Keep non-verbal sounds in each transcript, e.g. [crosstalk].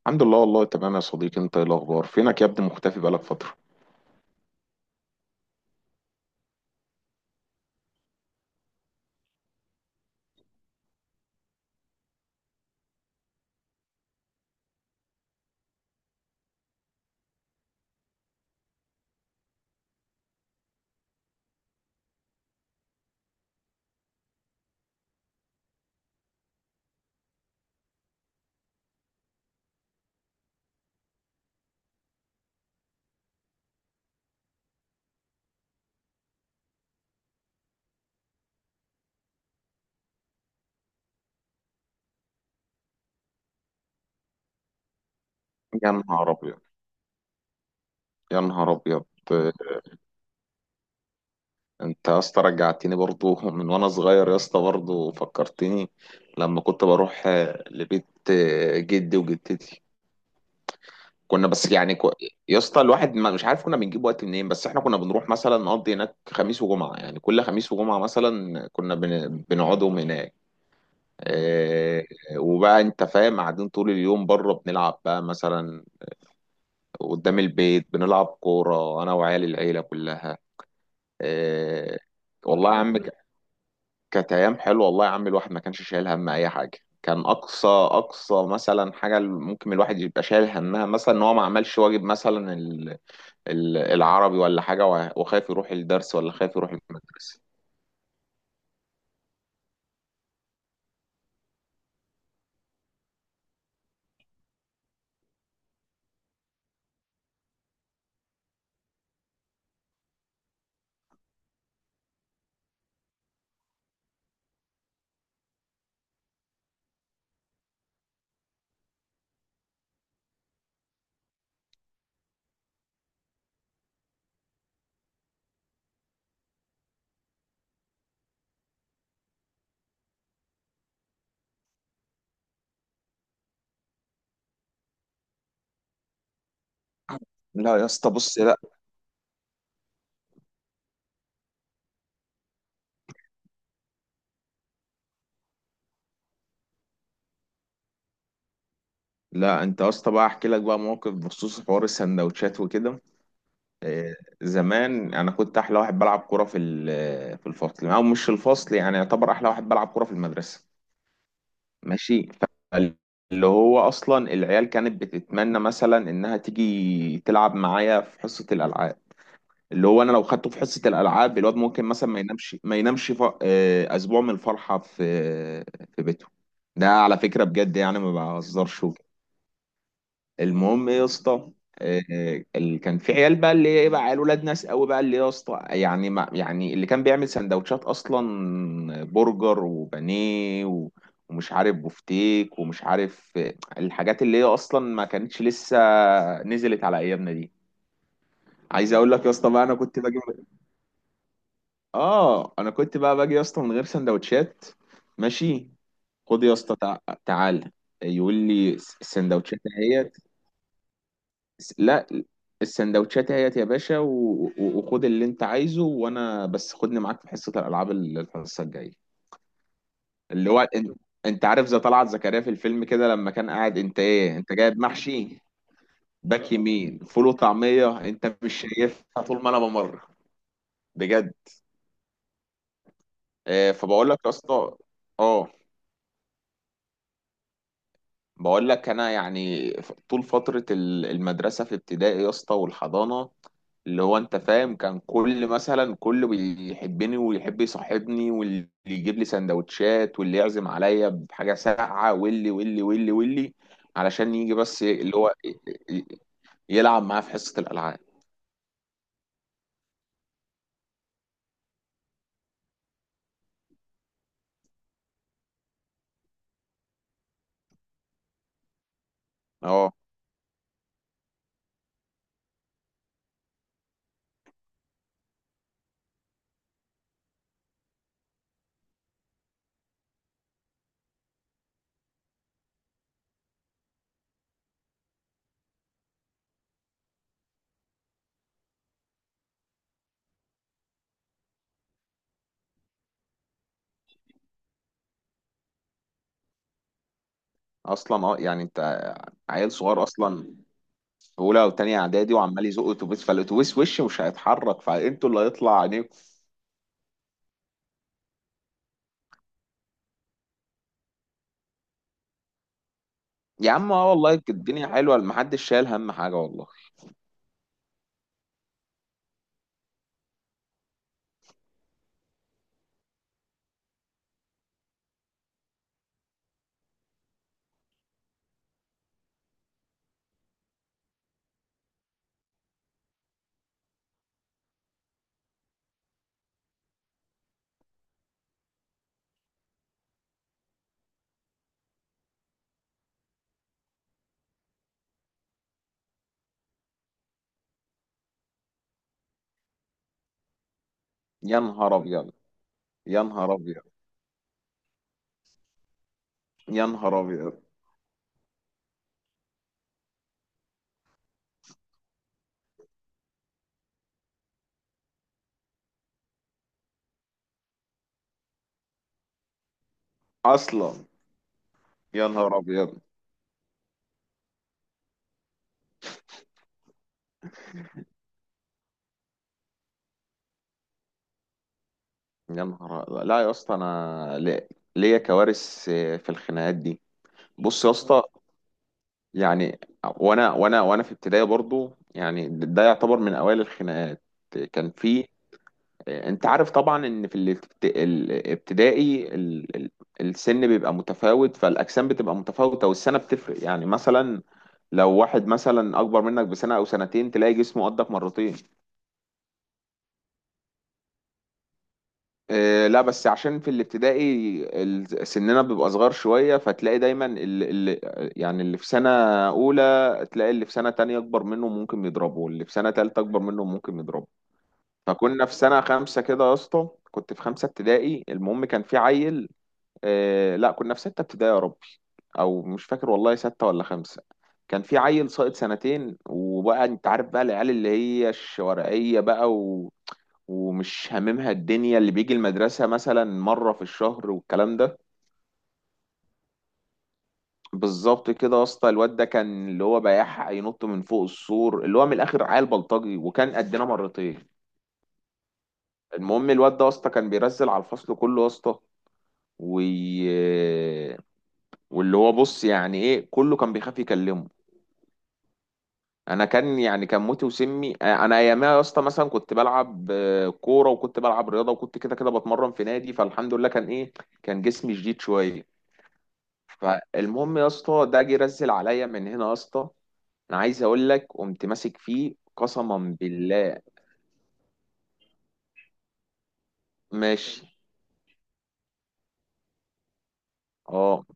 الحمد لله والله تمام يا صديقي. انت ايه الاخبار؟ فينك يا ابني؟ مختفي بقالك فترة. يا نهار ابيض. يا نهار ابيض. انت يا اسطى رجعتني برضو [laughs] من وانا صغير يا اسطى، برضو فكرتني لما كنت بروح لبيت جدي وجدتي. كنا بس يعني كو... يا اسطى الواحد ما مش عارف كنا بنجيب وقت منين، بس احنا كنا بنروح مثلا نقضي هناك خميس وجمعة، يعني كل خميس وجمعة مثلا كنا بنقعدهم هناك. اه. وبقى انت فاهم، قاعدين طول اليوم بره بنلعب بقى مثلا قدام البيت، بنلعب كورة انا وعيال العيلة كلها. اه. والله يا عم كانت ايام حلوة والله يا عم. الواحد ما كانش شايل هم اي حاجة، كان اقصى اقصى مثلا حاجه ممكن الواحد يبقى شايل همها مثلا ان هو ما عملش واجب مثلا العربي ولا حاجة، وخايف يروح الدرس ولا خايف يروح المدرسة. لا يا اسطى، بص، لا. لا انت يا اسطى بقى احكي لك بقى موقف بخصوص حوار السندوتشات وكده. آه، زمان انا كنت احلى واحد بلعب كوره في في الفصل، او مش في الفصل، يعني يعتبر احلى واحد بلعب كوره في المدرسه. ماشي. اللي هو اصلا العيال كانت بتتمنى مثلا انها تيجي تلعب معايا في حصه الالعاب. اللي هو انا لو خدته في حصه الالعاب الواد ممكن مثلا ما ينامش ف... آه، اسبوع من الفرحه في في بيته. ده على فكره بجد يعني ما بهزرش وكده. المهم إيه يا اسطى؟ اللي كان في عيال بقى، اللي ايه بقى، عيال ولاد ناس قوي بقى، اللي يا اسطى يعني ما يعني اللي كان بيعمل سندوتشات اصلا برجر وبانيه و... ومش عارف بفتيك، ومش عارف الحاجات اللي هي اصلا ما كانتش لسه نزلت على ايامنا دي. عايز اقول لك يا اسطى بقى، انا كنت باجي. اه انا كنت بقى باجي يا اسطى من غير سندوتشات. ماشي. خد يا اسطى، تعال، يقول لي السندوتشات اهيت. لا، السندوتشات اهيت يا باشا، وخد اللي انت عايزه، وانا بس خدني معاك في حصه الالعاب الحصه الجايه. اللي هو انت, عارف زي طلعت زكريا في الفيلم كده لما كان قاعد انت ايه انت جايب محشي، باك يمين فول وطعميه، انت مش شايفها طول ما انا بمر. بجد. آه، فبقول لك يا اسطى، اه بقول لك انا يعني طول فتره المدرسه في ابتدائي يا اسطى والحضانه، اللي هو انت فاهم كان كل مثلا كله بيحبني ويحب يصاحبني واللي يجيب لي سندوتشات واللي يعزم عليا بحاجه ساقعه، واللي واللي واللي واللي، علشان يجي بس ي- اللي هو ي- ي- يلعب معاه في حصه الالعاب. اه. اصلا اه يعني انت عيل صغير اصلا في اولى او تانية اعدادي وعمال يزق اتوبيس فالاتوبيس وش مش هيتحرك فانتوا اللي هيطلع يا عم اه والله كانت الدنيا حلوه محدش شايل هم حاجه والله يا نهار ابيض يا نهار ابيض يا نهار ابيض اصلا يا نهار ابيض يا نهار أبيض. لا يا اسطى انا لي- ليا كوارث في الخناقات دي بص يا اسطى يعني وانا وانا وانا في ابتدائي برضو يعني ده يعتبر من اوائل الخناقات كان في انت عارف طبعا ان في الابت- الابتدائي ال- ال- السن بيبقى متفاوت فالاجسام بتبقى متفاوته والسنه بتفرق يعني مثلا لو واحد مثلا اكبر منك بسنه او سنتين تلاقي جسمه قدك مرتين اه لا بس عشان في الابتدائي ال- سننا بيبقى صغار شويه فتلاقي دايما اللي يعني اللي في سنه اولى تلاقي اللي في سنه تانية اكبر منه ممكن يضربه واللي في سنه تالتة اكبر منه ممكن يضربه فكنا في سنه خمسه كده يا اسطى كنت في خمسه ابتدائي المهم كان في عيل آه لا كنا في ستة ابتدائي يا ربي او مش فاكر والله ستة ولا خمسة كان في عيل ساقط سنتين وبقى انت عارف بقى العيال اللي هي الشوارعية بقى و... ومش هاممها الدنيا اللي بيجي المدرسة مثلا مرة في الشهر والكلام ده بالظبط كده يا اسطى الواد ده كان اللي هو بيحق ينط من فوق السور اللي هو من الاخر عيل بلطجي وكان قدنا مرتين المهم الواد ده يا اسطى كان بيرزل على الفصل كله يا اسطى وي... واللي هو بص يعني ايه كله كان بيخاف يكلمه انا كان يعني كان موتي وسمي آه، انا ايامها يا اسطى مثلا كنت بلعب آه، كوره وكنت بلعب رياضه وكنت كده كده بتمرن في نادي فالحمد لله كان ايه كان جسمي شديد شويه فالمهم يا اسطى ده جه رزل عليا من هنا يا اسطى انا عايز اقول لك قمت ماسك فيه قسما بالله ماشي اه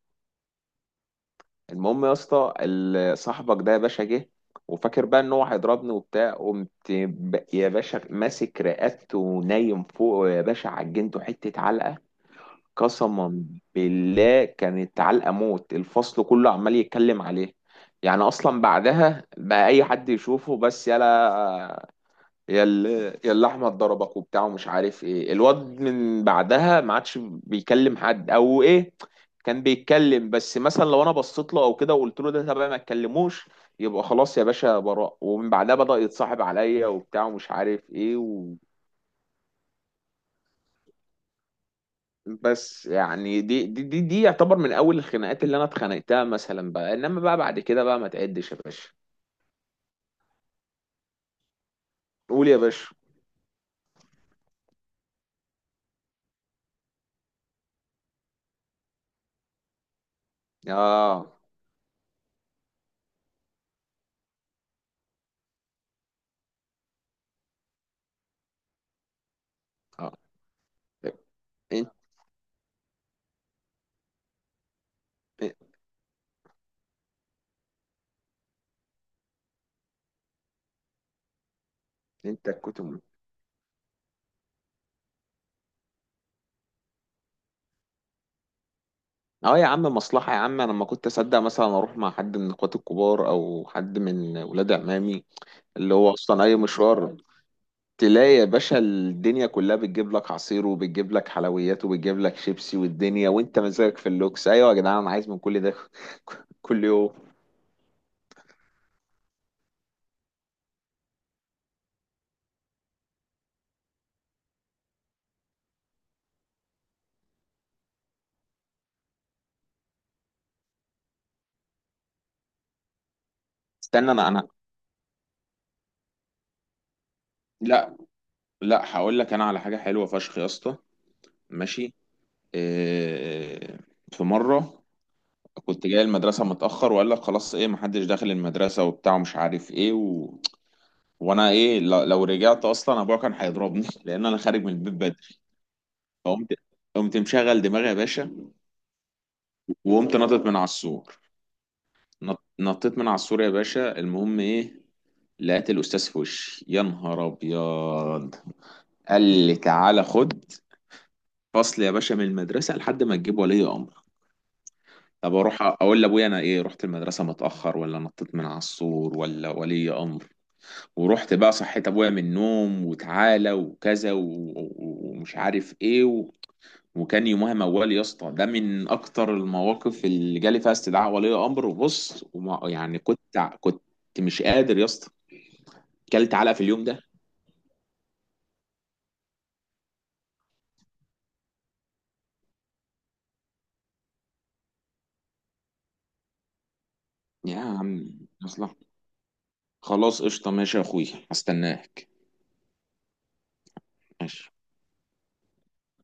المهم يا اسطى ال- صاحبك ده يا باشا جه وفاكر بقى ان هو هيضربني وبتاع قمت ب- يا باشا ماسك رقبته ونايم فوق يا باشا عجنته حته علقه قسما بالله كانت علقة موت الفصل كله عمال يتكلم عليه يعني اصلا بعدها بقى اي حد يشوفه بس يلا يا ال- يا اللي احمد ضربك وبتاع ومش عارف ايه الواد من بعدها ما عادش بيكلم حد او ايه كان بيتكلم بس مثلا لو انا بصيت له او كده وقلت له ده تبقى ما تكلموش يبقى خلاص يا باشا براء ومن بعدها بدأ يتصاحب عليا وبتاع ومش عارف ايه بس يعني دي دي دي, دي يعتبر من اول الخناقات اللي انا اتخانقتها مثلا بقى انما بقى بعد كده بقى ما تعدش يا باشا قول يا باشا اه اه انت انت كنت م- اه يا عم مصلحة يا عم. انا لما كنت اصدق مثلا اروح مع حد من اخواتي الكبار او حد من ولاد عمامي، اللي هو اصلا اي مشوار تلاقي يا باشا الدنيا كلها بتجيب لك عصير، وبتجيب لك حلويات، وبتجيب لك شيبسي، والدنيا وانت مزاجك في اللوكس. ايوه يا جدعان انا عايز من كل ده [laughs] كل يوم. استنى، انا، لا لا، هقول لك انا على حاجه حلوه فشخ يا اسطى. ماشي. إيه. في مره كنت جاي المدرسه متاخر، وقال لك خلاص ايه محدش داخل المدرسه وبتاع ومش عارف ايه، و... وانا ايه، لو رجعت اصلا ابويا كان هيضربني [laughs] لان انا خارج من البيت بدري. فقمت، قمت مشغل دماغي يا باشا، وقمت نطت من على السور. نطيت من على السور يا باشا. المهم ايه، لقيت الاستاذ في وشي، يا نهار ابيض. قال لي تعالى خد فصل يا باشا من المدرسه لحد ما تجيب ولي امر. طب اروح اقول لابويا انا ايه، رحت المدرسه متاخر، ولا نطيت من على السور، ولا ولي امر؟ ورحت بقى صحيت ابويا من النوم وتعالى وكذا ومش عارف ايه و... وكان يومها موال يا اسطى، ده من اكتر المواقف اللي جالي فيها استدعاء ولي امر، وبص وما يعني كنت مش قادر يا اسطى. كلت علقه في اليوم ده. يا عم اصلا، خلاص قشطه ماشي يا اخويا، هستناك. ماشي.